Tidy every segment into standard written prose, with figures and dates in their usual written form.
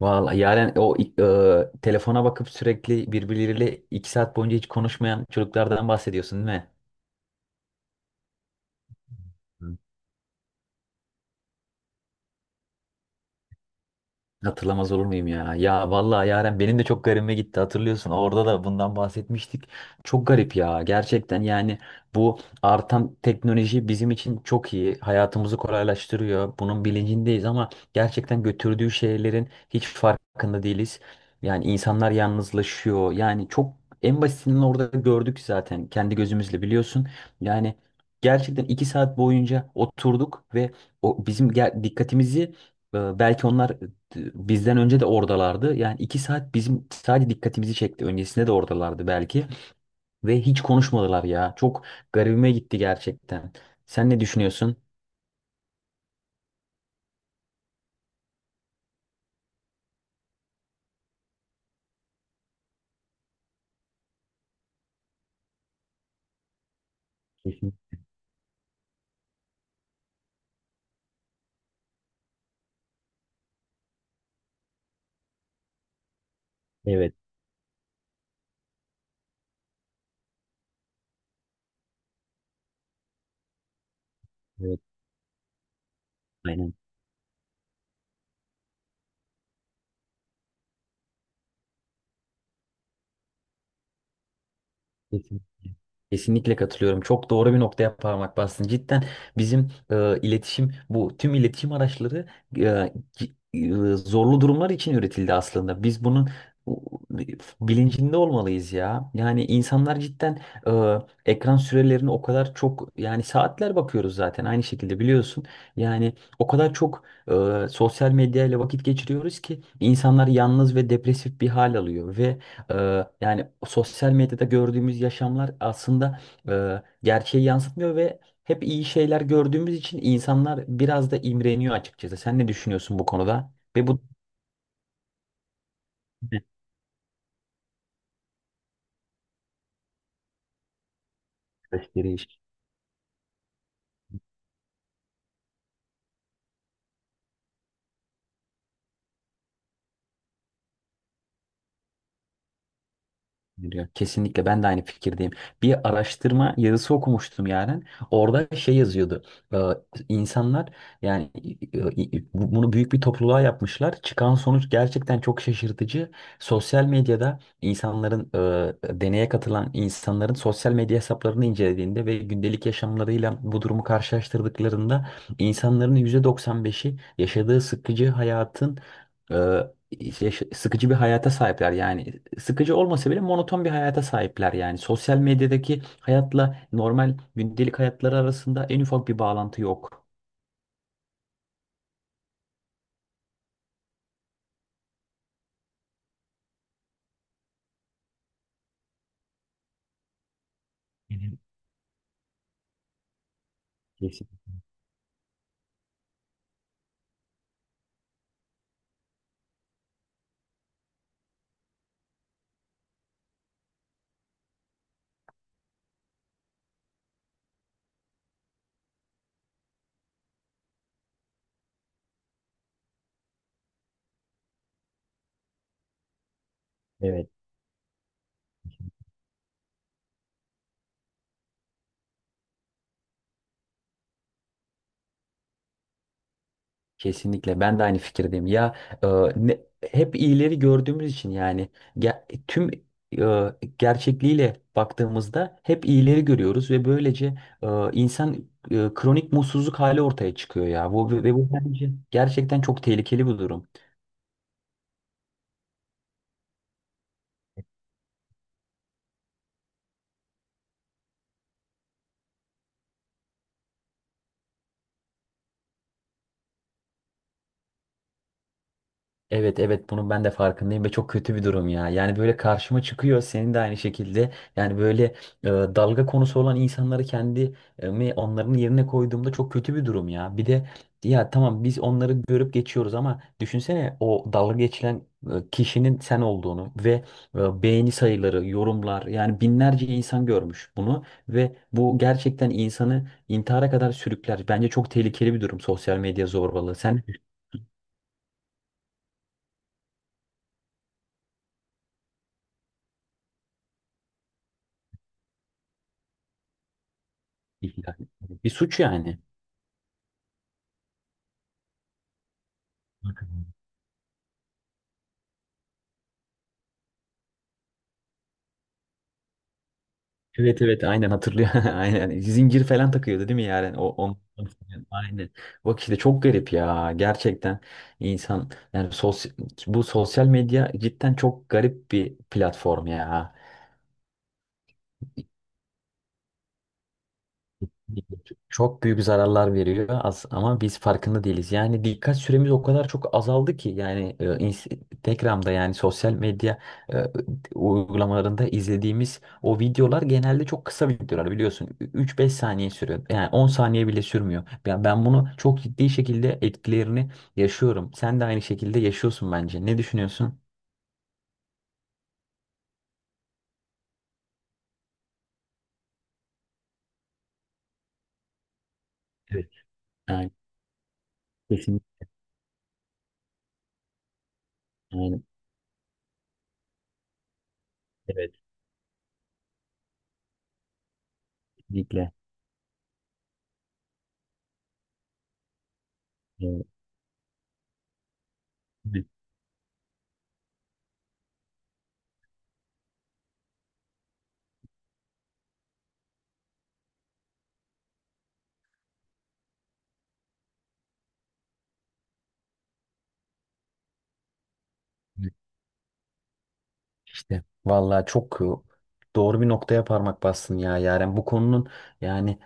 Vallahi yani o telefona bakıp sürekli birbirleriyle iki saat boyunca hiç konuşmayan çocuklardan bahsediyorsun değil mi? Hatırlamaz olur muyum ya? Ya vallahi Yaren benim de çok garibime gitti hatırlıyorsun. Orada da bundan bahsetmiştik. Çok garip ya. Gerçekten yani bu artan teknoloji bizim için çok iyi. Hayatımızı kolaylaştırıyor. Bunun bilincindeyiz ama gerçekten götürdüğü şeylerin hiç farkında değiliz. Yani insanlar yalnızlaşıyor. Yani çok en basitinden orada gördük zaten kendi gözümüzle biliyorsun. Yani gerçekten iki saat boyunca oturduk ve o bizim dikkatimizi belki onlar bizden önce de oradalardı. Yani iki saat bizim sadece dikkatimizi çekti. Öncesinde de oradalardı belki. Ve hiç konuşmadılar ya. Çok garibime gitti gerçekten. Sen ne düşünüyorsun? Kesin. Evet. Evet. Aynen. Kesinlikle. Kesinlikle katılıyorum. Çok doğru bir noktaya parmak bastın. Cidden bizim iletişim, bu tüm iletişim araçları zorlu durumlar için üretildi aslında. Biz bunun e, bilincinde olmalıyız ya. Yani insanlar cidden ekran sürelerini o kadar çok yani saatler bakıyoruz zaten aynı şekilde biliyorsun. Yani o kadar çok sosyal medyayla vakit geçiriyoruz ki insanlar yalnız ve depresif bir hal alıyor ve yani sosyal medyada gördüğümüz yaşamlar aslında gerçeği yansıtmıyor ve hep iyi şeyler gördüğümüz için insanlar biraz da imreniyor açıkçası. Sen ne düşünüyorsun bu konuda? Ve bu Ya kesinlikle ben de aynı fikirdeyim. Bir araştırma yazısı okumuştum yani. Orada şey yazıyordu. Ee, insanlar yani e, bunu büyük bir topluluğa yapmışlar. Çıkan sonuç gerçekten çok şaşırtıcı. Sosyal medyada insanların deneye katılan insanların sosyal medya hesaplarını incelediğinde ve gündelik yaşamlarıyla bu durumu karşılaştırdıklarında insanların %95'i yaşadığı sıkıcı hayatın e, sıkıcı bir hayata sahipler yani sıkıcı olmasa bile monoton bir hayata sahipler yani. Sosyal medyadaki hayatla normal gündelik hayatları arasında en ufak bir bağlantı yok. Benim- Kesinlikle. Evet. Kesinlikle ben de aynı fikirdeyim. Ya e, ne, hep iyileri gördüğümüz için yani ge- tüm gerçekliğiyle baktığımızda hep iyileri görüyoruz ve böylece insan kronik mutsuzluk hali ortaya çıkıyor ya. Bu bence gerçekten çok tehlikeli bir durum. Evet, evet, bunun ben de farkındayım ve çok kötü bir durum ya. Yani böyle karşıma çıkıyor senin de aynı şekilde. Yani böyle dalga konusu olan insanları kendimi onların yerine koyduğumda çok kötü bir durum ya. Bir de ya tamam biz onları görüp geçiyoruz ama düşünsene o dalga geçilen kişinin sen olduğunu ve beğeni sayıları, yorumlar yani binlerce insan görmüş bunu ve bu gerçekten insanı intihara kadar sürükler. Bence çok tehlikeli bir durum sosyal medya zorbalığı. Sen ne düşünüyorsun? Bir suç yani. Evet, evet, aynen hatırlıyor. Aynen. Zincir falan takıyordu değil mi yani? O on aynen. Bak işte çok garip ya. Gerçekten insan yani sosyal, bu sosyal medya cidden çok garip bir platform ya. Çok büyük zararlar veriyor az ama biz farkında değiliz. Yani dikkat süremiz o kadar çok azaldı ki yani Instagram'da yani sosyal medya e, uygulamalarında izlediğimiz o videolar genelde çok kısa videolar biliyorsun. Üç beş saniye sürüyor. Yani 10 saniye bile sürmüyor. Ben bunu çok ciddi şekilde etkilerini yaşıyorum. Sen de aynı şekilde yaşıyorsun bence. Ne düşünüyorsun? Evet, yani kesinlikle. Yani, evet, kesinlikle. Evet. İşte vallahi çok doğru bir noktaya parmak bastın ya Yaren. Bu konunun yani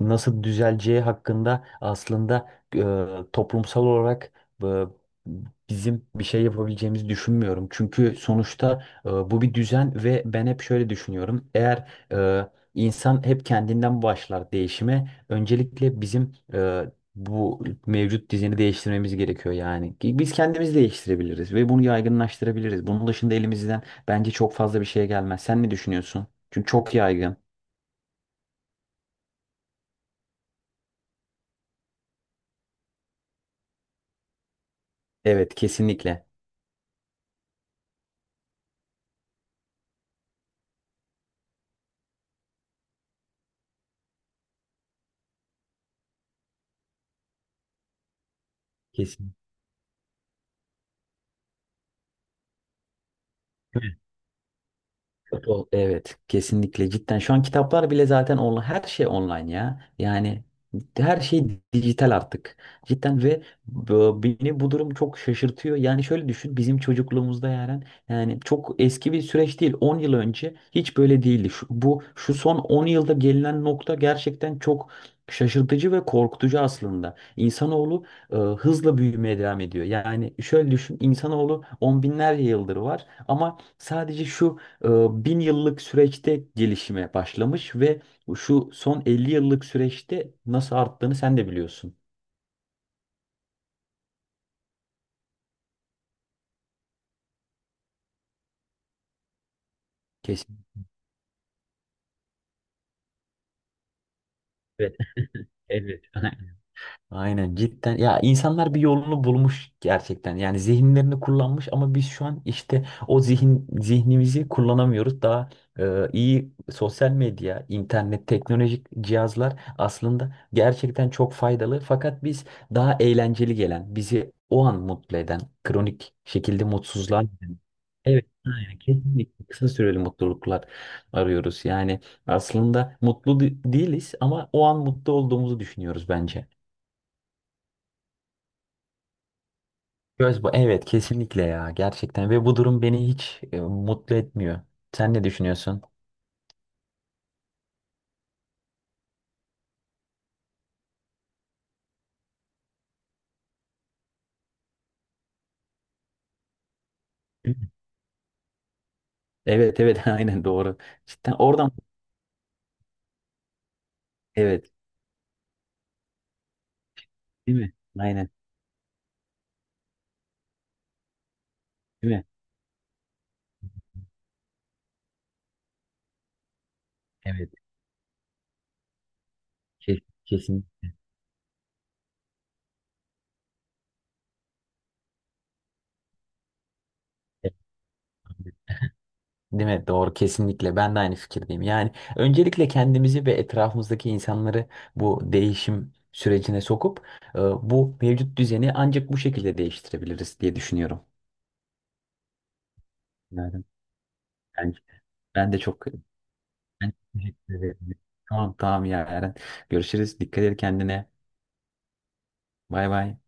nasıl düzeleceği hakkında aslında e, toplumsal olarak e, bizim bir şey yapabileceğimizi düşünmüyorum. Çünkü sonuçta bu bir düzen ve ben hep şöyle düşünüyorum. Eğer insan hep kendinden başlar değişime, öncelikle bizim bu mevcut düzeni değiştirmemiz gerekiyor yani. Ki biz kendimiz değiştirebiliriz ve bunu yaygınlaştırabiliriz. Bunun dışında elimizden bence çok fazla bir şeye gelmez. Sen ne düşünüyorsun? Çünkü çok yaygın. Evet, kesinlikle. Kesin. Evet, kesinlikle cidden. Şu an kitaplar bile zaten online, her şey online ya. Yani her şey dijital artık. Cidden ve beni bu durum çok şaşırtıyor. Yani şöyle düşün, bizim çocukluğumuzda yani yani çok eski bir süreç değil. On yıl önce hiç böyle değildi. Şu son 10 yılda gelinen nokta gerçekten çok şaşırtıcı ve korkutucu aslında. İnsanoğlu hızla büyümeye devam ediyor. Yani şöyle düşün, insanoğlu on binlerce yıldır var ama sadece şu e, bin yıllık süreçte gelişime başlamış ve şu son 50 yıllık süreçte nasıl arttığını sen de biliyorsun. Kesinlikle. Evet. Aynen cidden ya insanlar bir yolunu bulmuş gerçekten yani zihinlerini kullanmış ama biz şu an işte o zihin zihnimizi kullanamıyoruz daha iyi sosyal medya internet teknolojik cihazlar aslında gerçekten çok faydalı fakat biz daha eğlenceli gelen bizi o an mutlu eden kronik şekilde mutsuzluğa giden Evet, aynen. Kesinlikle kısa süreli mutluluklar arıyoruz. Yani aslında değiliz ama o an mutlu olduğumuzu düşünüyoruz bence. Göz bu. Evet, kesinlikle ya, gerçekten ve bu durum beni hiç mutlu etmiyor. Sen ne düşünüyorsun? Değil mi? Evet, evet, aynen doğru. Cidden oradan evet, değil mi? Aynen, değil mi? Evet, kesin, değil mi? Doğru, kesinlikle ben de aynı fikirdeyim. Yani öncelikle kendimizi ve etrafımızdaki insanları bu değişim sürecine sokup bu mevcut düzeni ancak bu şekilde değiştirebiliriz diye düşünüyorum. Yani bence- ben de çok ben teşekkür ederim. Tamam, tamam ya Eren. Görüşürüz. Dikkat et kendine. Bay bay.